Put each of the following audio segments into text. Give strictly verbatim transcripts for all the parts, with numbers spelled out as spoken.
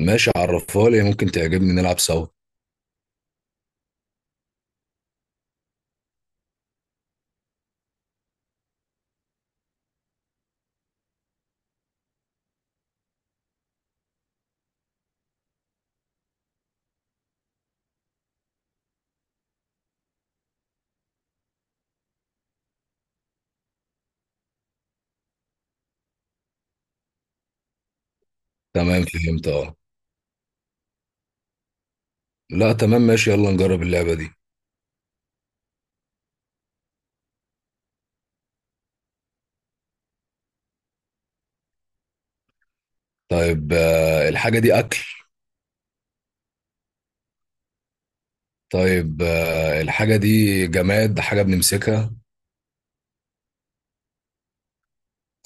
ماشي، عرفها لي. ممكن تعجبني، نلعب سوا. تمام، فهمت. اه. لا، تمام ماشي، يلا نجرب اللعبة دي. طيب، آه، الحاجة دي أكل؟ طيب، آه، الحاجة دي جماد، حاجة بنمسكها؟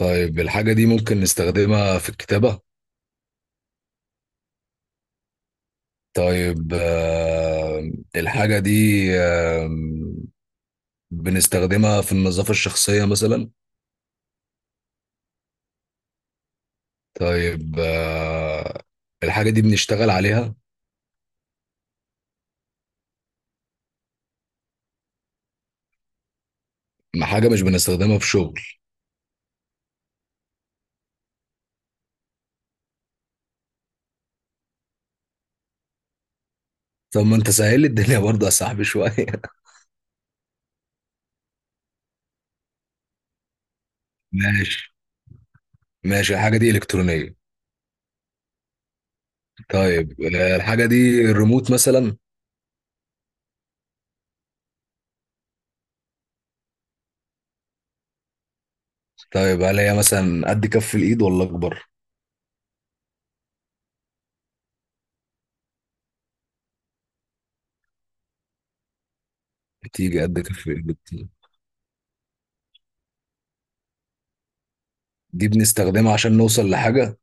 طيب، الحاجة دي ممكن نستخدمها في الكتابة؟ طيب، آه، الحاجة دي، آه، بنستخدمها في النظافة الشخصية مثلا؟ طيب، آه، الحاجة دي بنشتغل عليها؟ ما حاجة مش بنستخدمها في شغل. طب ما انت سهل لي الدنيا برضه يا صاحبي شوية. ماشي. ماشي الحاجة دي إلكترونية. طيب، آه، الحاجة دي الريموت مثلا؟ طيب، هل هي مثلا قد كف الإيد ولا أكبر؟ بتيجي قد كف الإيد. دي بنستخدمها عشان نوصل لحاجة؟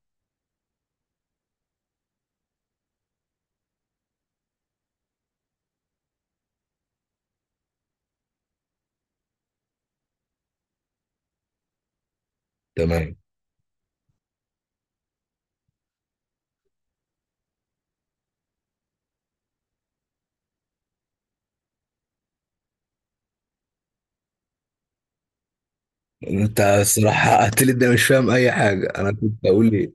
تمام. أنت الصراحة حققت لي ده، مش فاهم أي حاجة أنا كنت أقول إيه.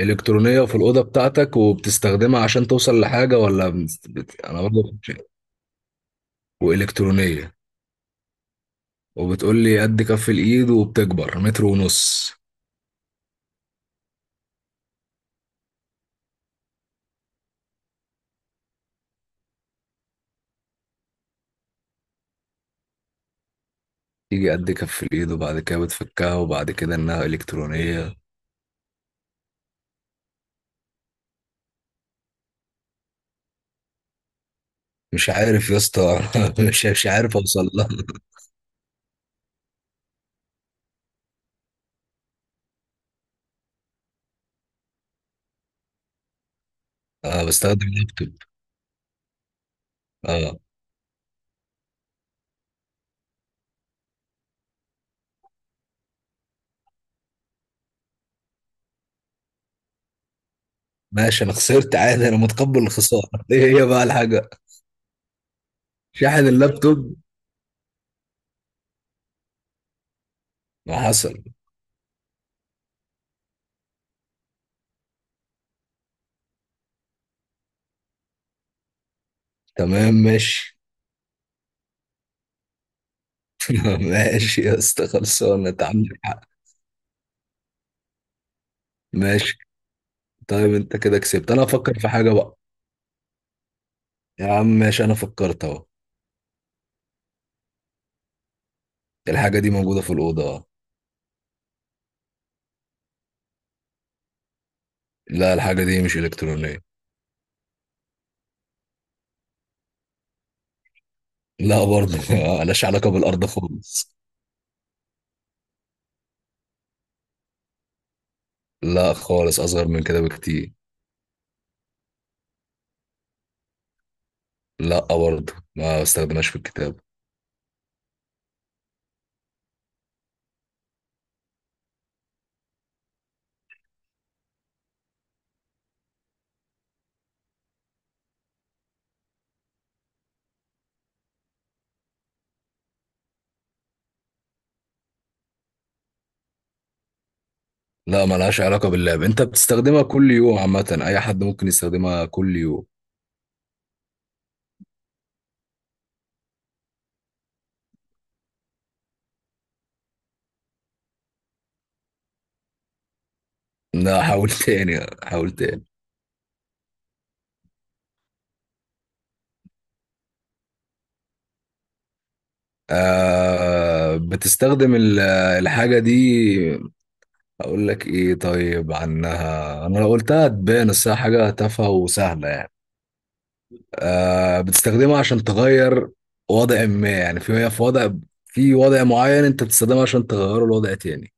إلكترونية في الأوضة بتاعتك، وبتستخدمها عشان توصل لحاجة، ولا بت... بت- أنا برضه كنت شايف. وإلكترونية، وبتقول لي قد كف الإيد وبتكبر متر ونص. تيجي قد كف الإيد وبعد كده بتفكها، وبعد كده إنها إلكترونية. مش عارف يا اسطى. مش مش عارف اوصل لها. اه، بستخدم اللابتوب. اه. ماشي، انا خسرت عادي، انا متقبل الخساره. ايه هي بقى الحاجه؟ شاحن اللابتوب؟ ما حصل. تمام ماشي. ماشي يا اسطى، خلصانه، انت عندك حق. ماشي. طيب انت كده كسبت، انا افكر في حاجه بقى. يا عم ماشي، انا فكرت اهو. الحاجه دي موجوده في الاوضه، اه. لا، الحاجه دي مش الكترونيه. لا برضه. آه، ملهاش علاقه بالارض خالص. لا خالص، اصغر من كده بكتير. لا برضه، ما بستخدمهاش في الكتاب. لا، ما لهاش علاقة باللعب، انت بتستخدمها كل يوم، عامة اي حد ممكن يستخدمها كل يوم. لا، حاول. تاني، حاول تاني. آه بتستخدم ال- الحاجة دي، اقول لك ايه طيب عنها، انا لو قلتها تبان، بس هي حاجة تافهة وسهلة يعني. آه، بتستخدمها عشان تغير وضع ما يعني، في هي في وضع، في وضع معين انت بتستخدمها عشان تغيره لوضع تاني.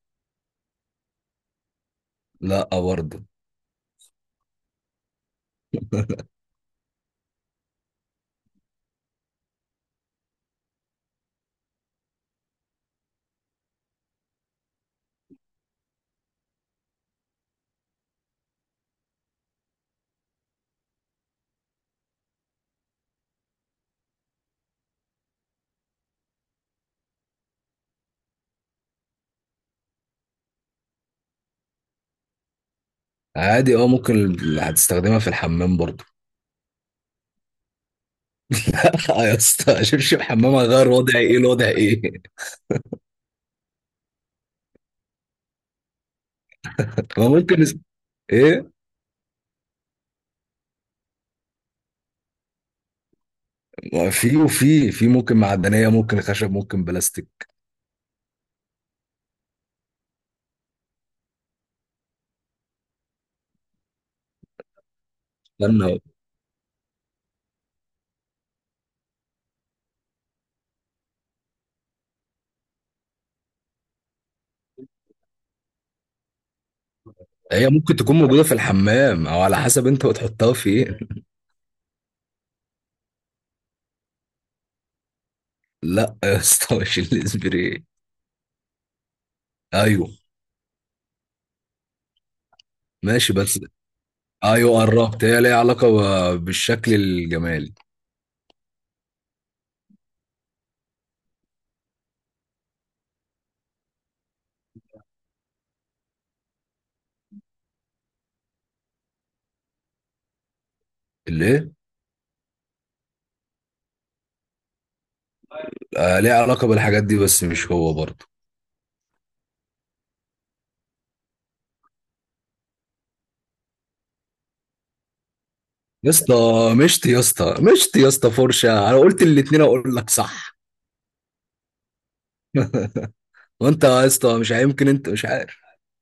لا برضه. عادي اه، ممكن ال- هتستخدمها في الحمام برضو. لا يا اسطى، شبشب حمام هيغير وضعي؟ ايه الوضع ايه؟ ما ممكن اس- ايه. ما في وفي في ممكن معدنيه، ممكن خشب، ممكن بلاستيك. استنى. هي ممكن تكون موجوده في الحمام، او على حسب انت بتحطها في ايه. لا يا اسطى، مش الاسبري. ايوه ماشي، بس. ايوه قربت، هي ليها علاقه ب- بالشكل الجمالي. الايه؟ آه، ليها علاقه بالحاجات دي، بس مش هو برضه. يا اسطى مشت، يا اسطى مشت يا اسطى، فرشه. انا قلت الاتنين، اقول لك صح. وانت يا اسطى، مش هيمكن انت مش عارف،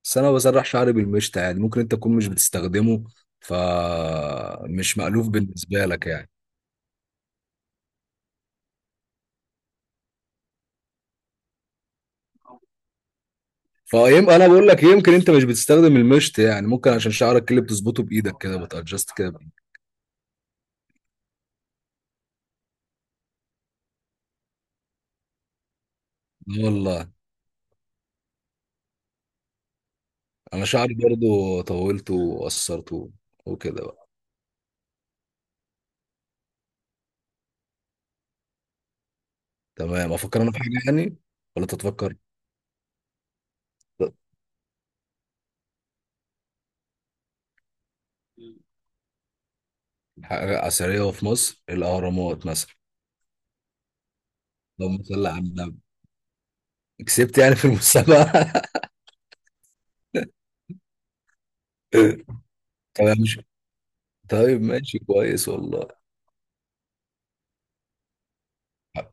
بس انا بسرح شعري بالمشط، يعني ممكن انت تكون مش بتستخدمه، فمش مألوف بالنسبه لك يعني. فيم انا بقول لك، يمكن انت مش بتستخدم المشط، يعني ممكن عشان شعرك اللي بتظبطه بايدك كده، بتادجست كده بإيدك. لا والله. انا شعري برضو طولته وقصرته وكده بقى. تمام، افكر انا في حاجه يعني، ولا تتفكر؟ حاجه اثريه في مصر، الاهرامات مثلا. اللهم صل على النبي، كسبت يعني في المسابقة. طب مش طيب ماشي، كويس والله. ح-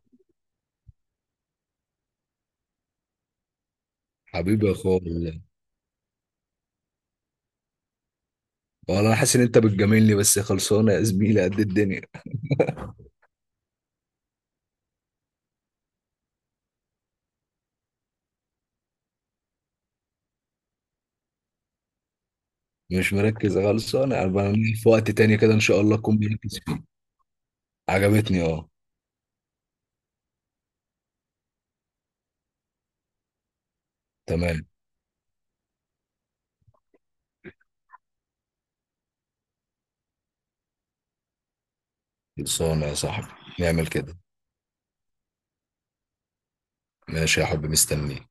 حبيبي يا اخويا والله. والله انا حاسس ان انت بتجاملني، بس خلصانه يا زميلي قد الدنيا. مش مركز، خلصانه انا بقى. في وقت تاني كده ان شاء الله اكون مركز فيه. عجبتني اه. تمام، خلصانه يا صاحبي، نعمل كده. ماشي يا حبيبي، مستنيك.